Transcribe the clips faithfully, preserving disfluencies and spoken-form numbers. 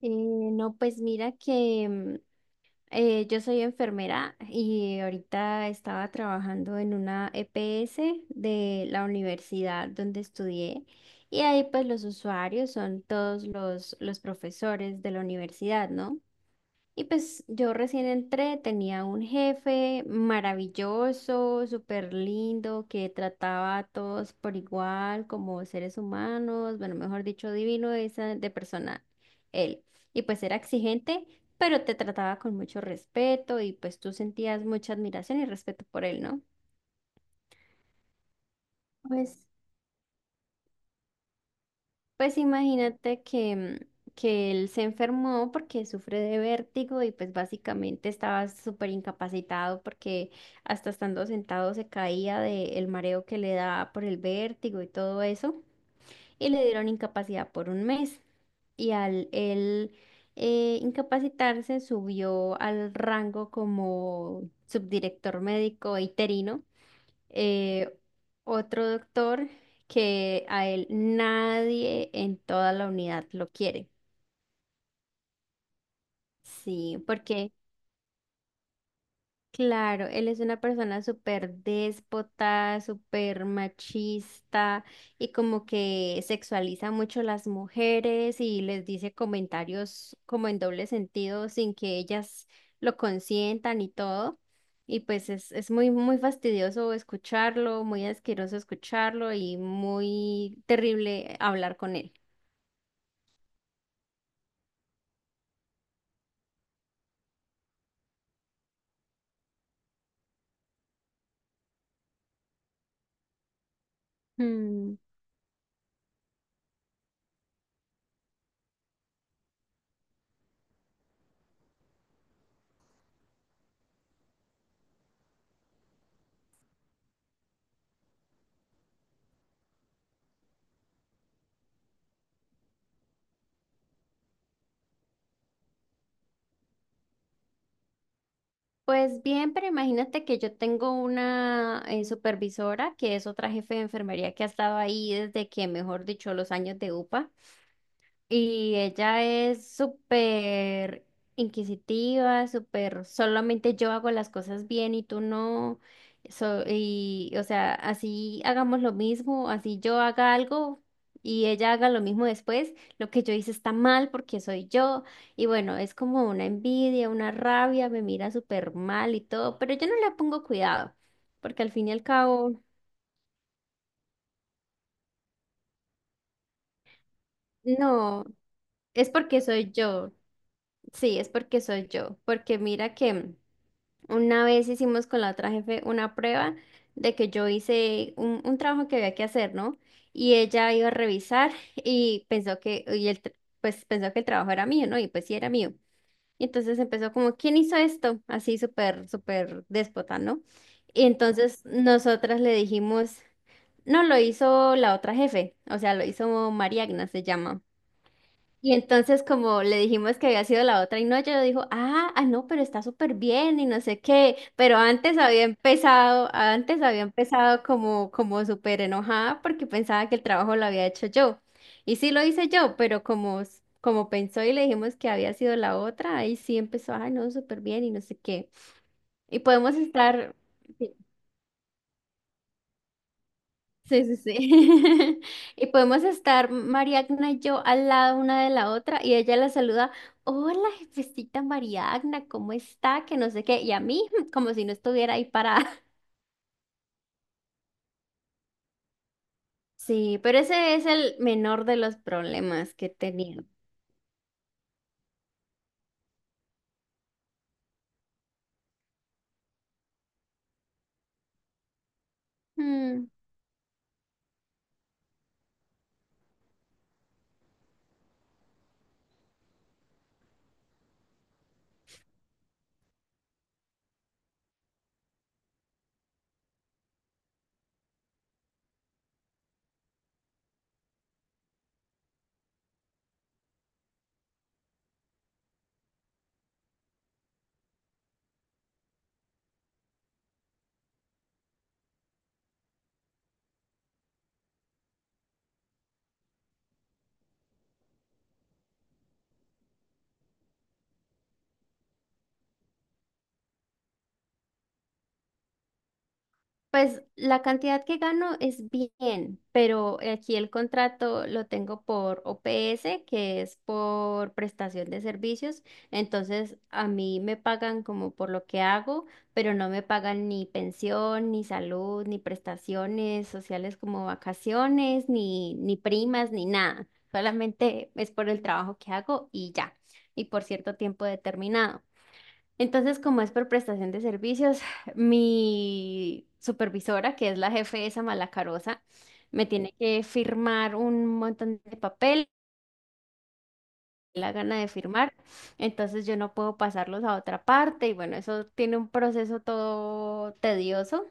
Eh, no, pues mira que mm, eh, yo soy enfermera y ahorita estaba trabajando en una E P S de la universidad donde estudié y ahí pues los usuarios son todos los, los profesores de la universidad, ¿no? Y pues yo recién entré, tenía un jefe maravilloso, súper lindo, que trataba a todos por igual, como seres humanos, bueno, mejor dicho, divino esa de persona, él. Y pues era exigente, pero te trataba con mucho respeto y pues tú sentías mucha admiración y respeto por él, ¿no? Pues Pues imagínate que, mm, que él se enfermó porque sufre de vértigo y pues básicamente estaba súper incapacitado porque hasta estando sentado se caía del mareo que le da por el vértigo y todo eso y le dieron incapacidad por un mes. Y al él eh, incapacitarse subió al rango como subdirector médico interino, eh, otro doctor que a él nadie en toda la unidad lo quiere. Sí, porque. Claro, él es una persona súper déspota, súper machista y como que sexualiza mucho las mujeres y les dice comentarios como en doble sentido sin que ellas lo consientan y todo. Y pues es, es muy, muy fastidioso escucharlo, muy asqueroso escucharlo y muy terrible hablar con él. Mm. Pues bien, pero imagínate que yo tengo una eh, supervisora que es otra jefe de enfermería que ha estado ahí desde que, mejor dicho, los años de UPA. Y ella es súper inquisitiva, súper, solamente yo hago las cosas bien y tú no. So- y, o sea, así hagamos lo mismo, así yo haga algo y ella haga lo mismo después, lo que yo hice está mal porque soy yo. Y bueno, es como una envidia, una rabia, me mira súper mal y todo, pero yo no le pongo cuidado, porque al fin y al cabo, no, es porque soy yo. Sí, es porque soy yo, porque mira que. Una vez hicimos con la otra jefe una prueba de que yo hice un, un trabajo que había que hacer, ¿no? Y ella iba a revisar y pensó que, y el, tr- pues pensó que el trabajo era mío, ¿no? Y pues sí era mío. Y entonces empezó como, ¿quién hizo esto? Así súper, súper déspota, ¿no? Y entonces nosotras le dijimos, no, lo hizo la otra jefe, o sea, lo hizo María Agnes, se llama. Y entonces como le dijimos que había sido la otra y no, ella dijo, ah, ah, no, pero está súper bien y no sé qué, pero antes había empezado, antes había empezado como, como súper enojada porque pensaba que el trabajo lo había hecho yo. Y sí lo hice yo, pero como, s- como pensó y le dijimos que había sido la otra, ahí sí empezó, ay, no, súper bien y no sé qué. Y podemos estar. Sí. Sí, sí, sí. Y podemos estar Mariagna y yo al lado una de la otra y ella la saluda, hola jefecita Mariagna, ¿cómo está? Que no sé qué. Y a mí, como si no estuviera ahí parada. Sí, pero ese es el menor de los problemas que he tenido. Mm. Pues la cantidad que gano es bien, pero aquí el contrato lo tengo por O P S, que es por prestación de servicios. Entonces a mí me pagan como por lo que hago, pero no me pagan ni pensión, ni salud, ni prestaciones sociales como vacaciones, ni, ni primas, ni nada. Solamente es por el trabajo que hago y ya, y por cierto tiempo determinado. Entonces, como es por prestación de servicios, mi supervisora, que es la jefe esa malacarosa, me tiene que firmar un montón de papel, la gana de firmar, entonces yo no puedo pasarlos a otra parte y bueno, eso tiene un proceso todo tedioso.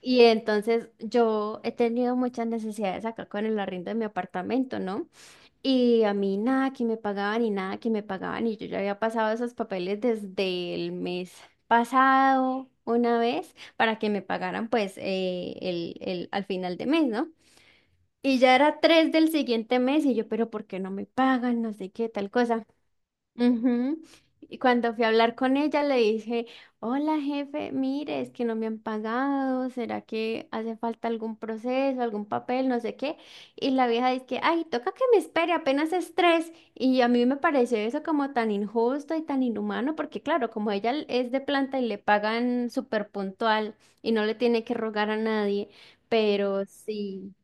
Y entonces yo he tenido muchas necesidades acá con el arriendo de mi apartamento, ¿no? Y a mí nada que me pagaban y nada que me pagaban y yo ya había pasado esos papeles desde el mes pasado una vez para que me pagaran pues eh, el, el, al final de mes, ¿no? Y ya era tres del siguiente mes y yo, pero ¿por qué no me pagan? No sé qué, tal cosa. Ujú. Y cuando fui a hablar con ella, le dije, hola jefe, mire, es que no me han pagado, ¿será que hace falta algún proceso, algún papel, no sé qué? Y la vieja dice que, ay, toca que me espere, apenas es tres. Y a mí me pareció eso como tan injusto y tan inhumano, porque claro, como ella l- es de planta y le pagan súper puntual y no le tiene que rogar a nadie, pero sí.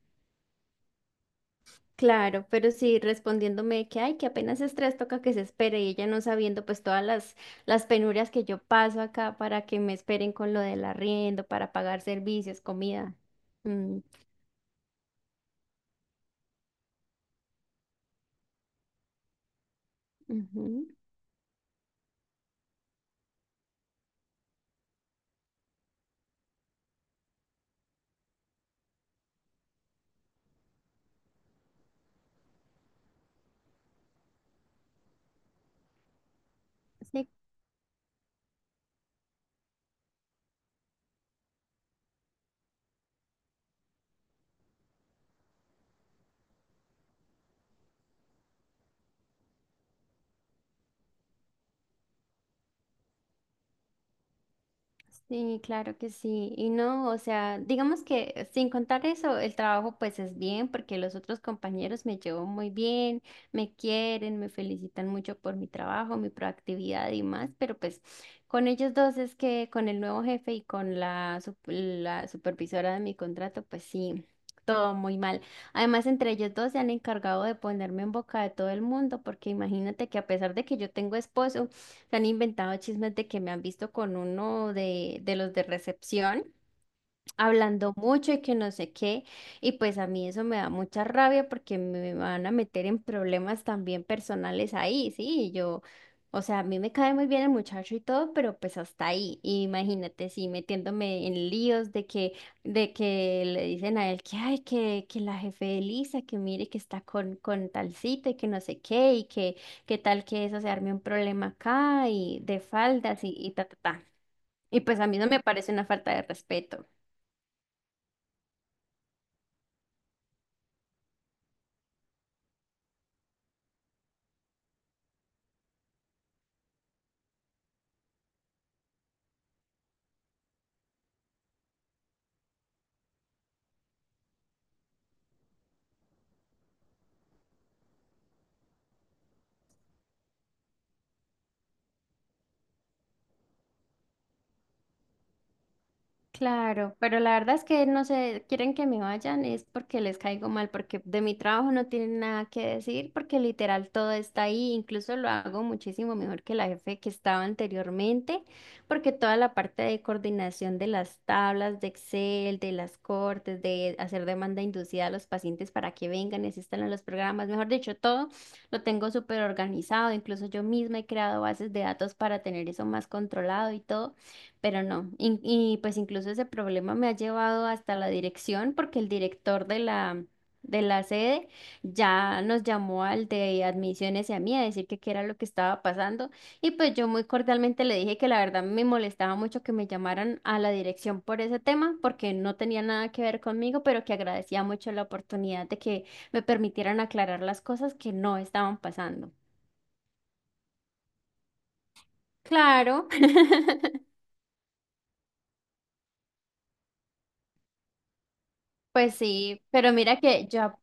Claro, pero sí respondiéndome que ay, que apenas es tres, toca que se espere y ella no sabiendo pues todas las, las penurias que yo paso acá para que me esperen con lo del arriendo, para pagar servicios, comida. Mm, ujú. Sí, Sí, claro que sí. Y no, o sea, digamos que sin contar eso, el trabajo pues es bien porque los otros compañeros me llevo muy bien, me quieren, me felicitan mucho por mi trabajo, mi proactividad y más, pero pues con ellos dos es que con el nuevo jefe y con la, sup- la supervisora de mi contrato, pues sí, todo muy mal. Además, entre ellos dos se han encargado de ponerme en boca de todo el mundo porque imagínate que a pesar de que yo tengo esposo, se han inventado chismes de que me han visto con uno de, de los de recepción hablando mucho y que no sé qué. Y pues a mí eso me da mucha rabia porque me van a meter en problemas también personales ahí, sí, y yo, o sea, a mí me cae muy bien el muchacho y todo, pero pues hasta ahí. Y imagínate, sí, metiéndome en líos de que, de que le dicen a él que, ay, que, que la jefe de Lisa, que mire que está con, con tal cita y que no sé qué, y que, que tal que eso se arme un problema acá y de faldas y, y ta, ta, ta. Y pues a mí no me parece una falta de respeto. Claro, pero la verdad es que no se quieren que me vayan, es porque les caigo mal, porque de mi trabajo no tienen nada que decir, porque literal todo está ahí, incluso lo hago muchísimo mejor que la jefe que estaba anteriormente, porque toda la parte de coordinación de las tablas de Excel, de las cortes, de hacer demanda inducida a los pacientes para que vengan y asistan a los programas, mejor dicho, todo lo tengo súper organizado, incluso yo misma he creado bases de datos para tener eso más controlado y todo. Pero no, in- y pues incluso ese problema me ha llevado hasta la dirección porque el director de la, de la sede ya nos llamó al de admisiones y a mí a decir que qué era lo que estaba pasando y pues yo muy cordialmente le dije que la verdad me molestaba mucho que me llamaran a la dirección por ese tema porque no tenía nada que ver conmigo, pero que agradecía mucho la oportunidad de que me permitieran aclarar las cosas que no estaban pasando. Claro. Pues sí, pero mira que yo,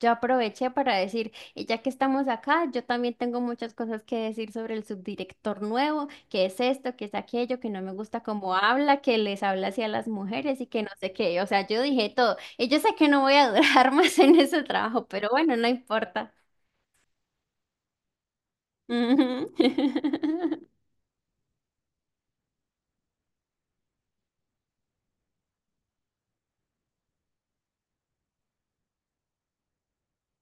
Yo aproveché para decir, y ya que estamos acá, yo también tengo muchas cosas que decir sobre el subdirector nuevo, que es esto, que es aquello, que no me gusta cómo habla, que les habla así a las mujeres y que no sé qué. O sea, yo dije todo. Y yo sé que no voy a durar más en ese trabajo, pero bueno, no importa. Ujú.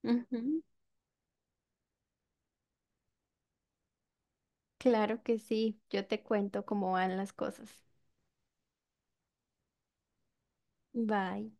Ujú. Claro que sí, yo te cuento cómo van las cosas. Bye.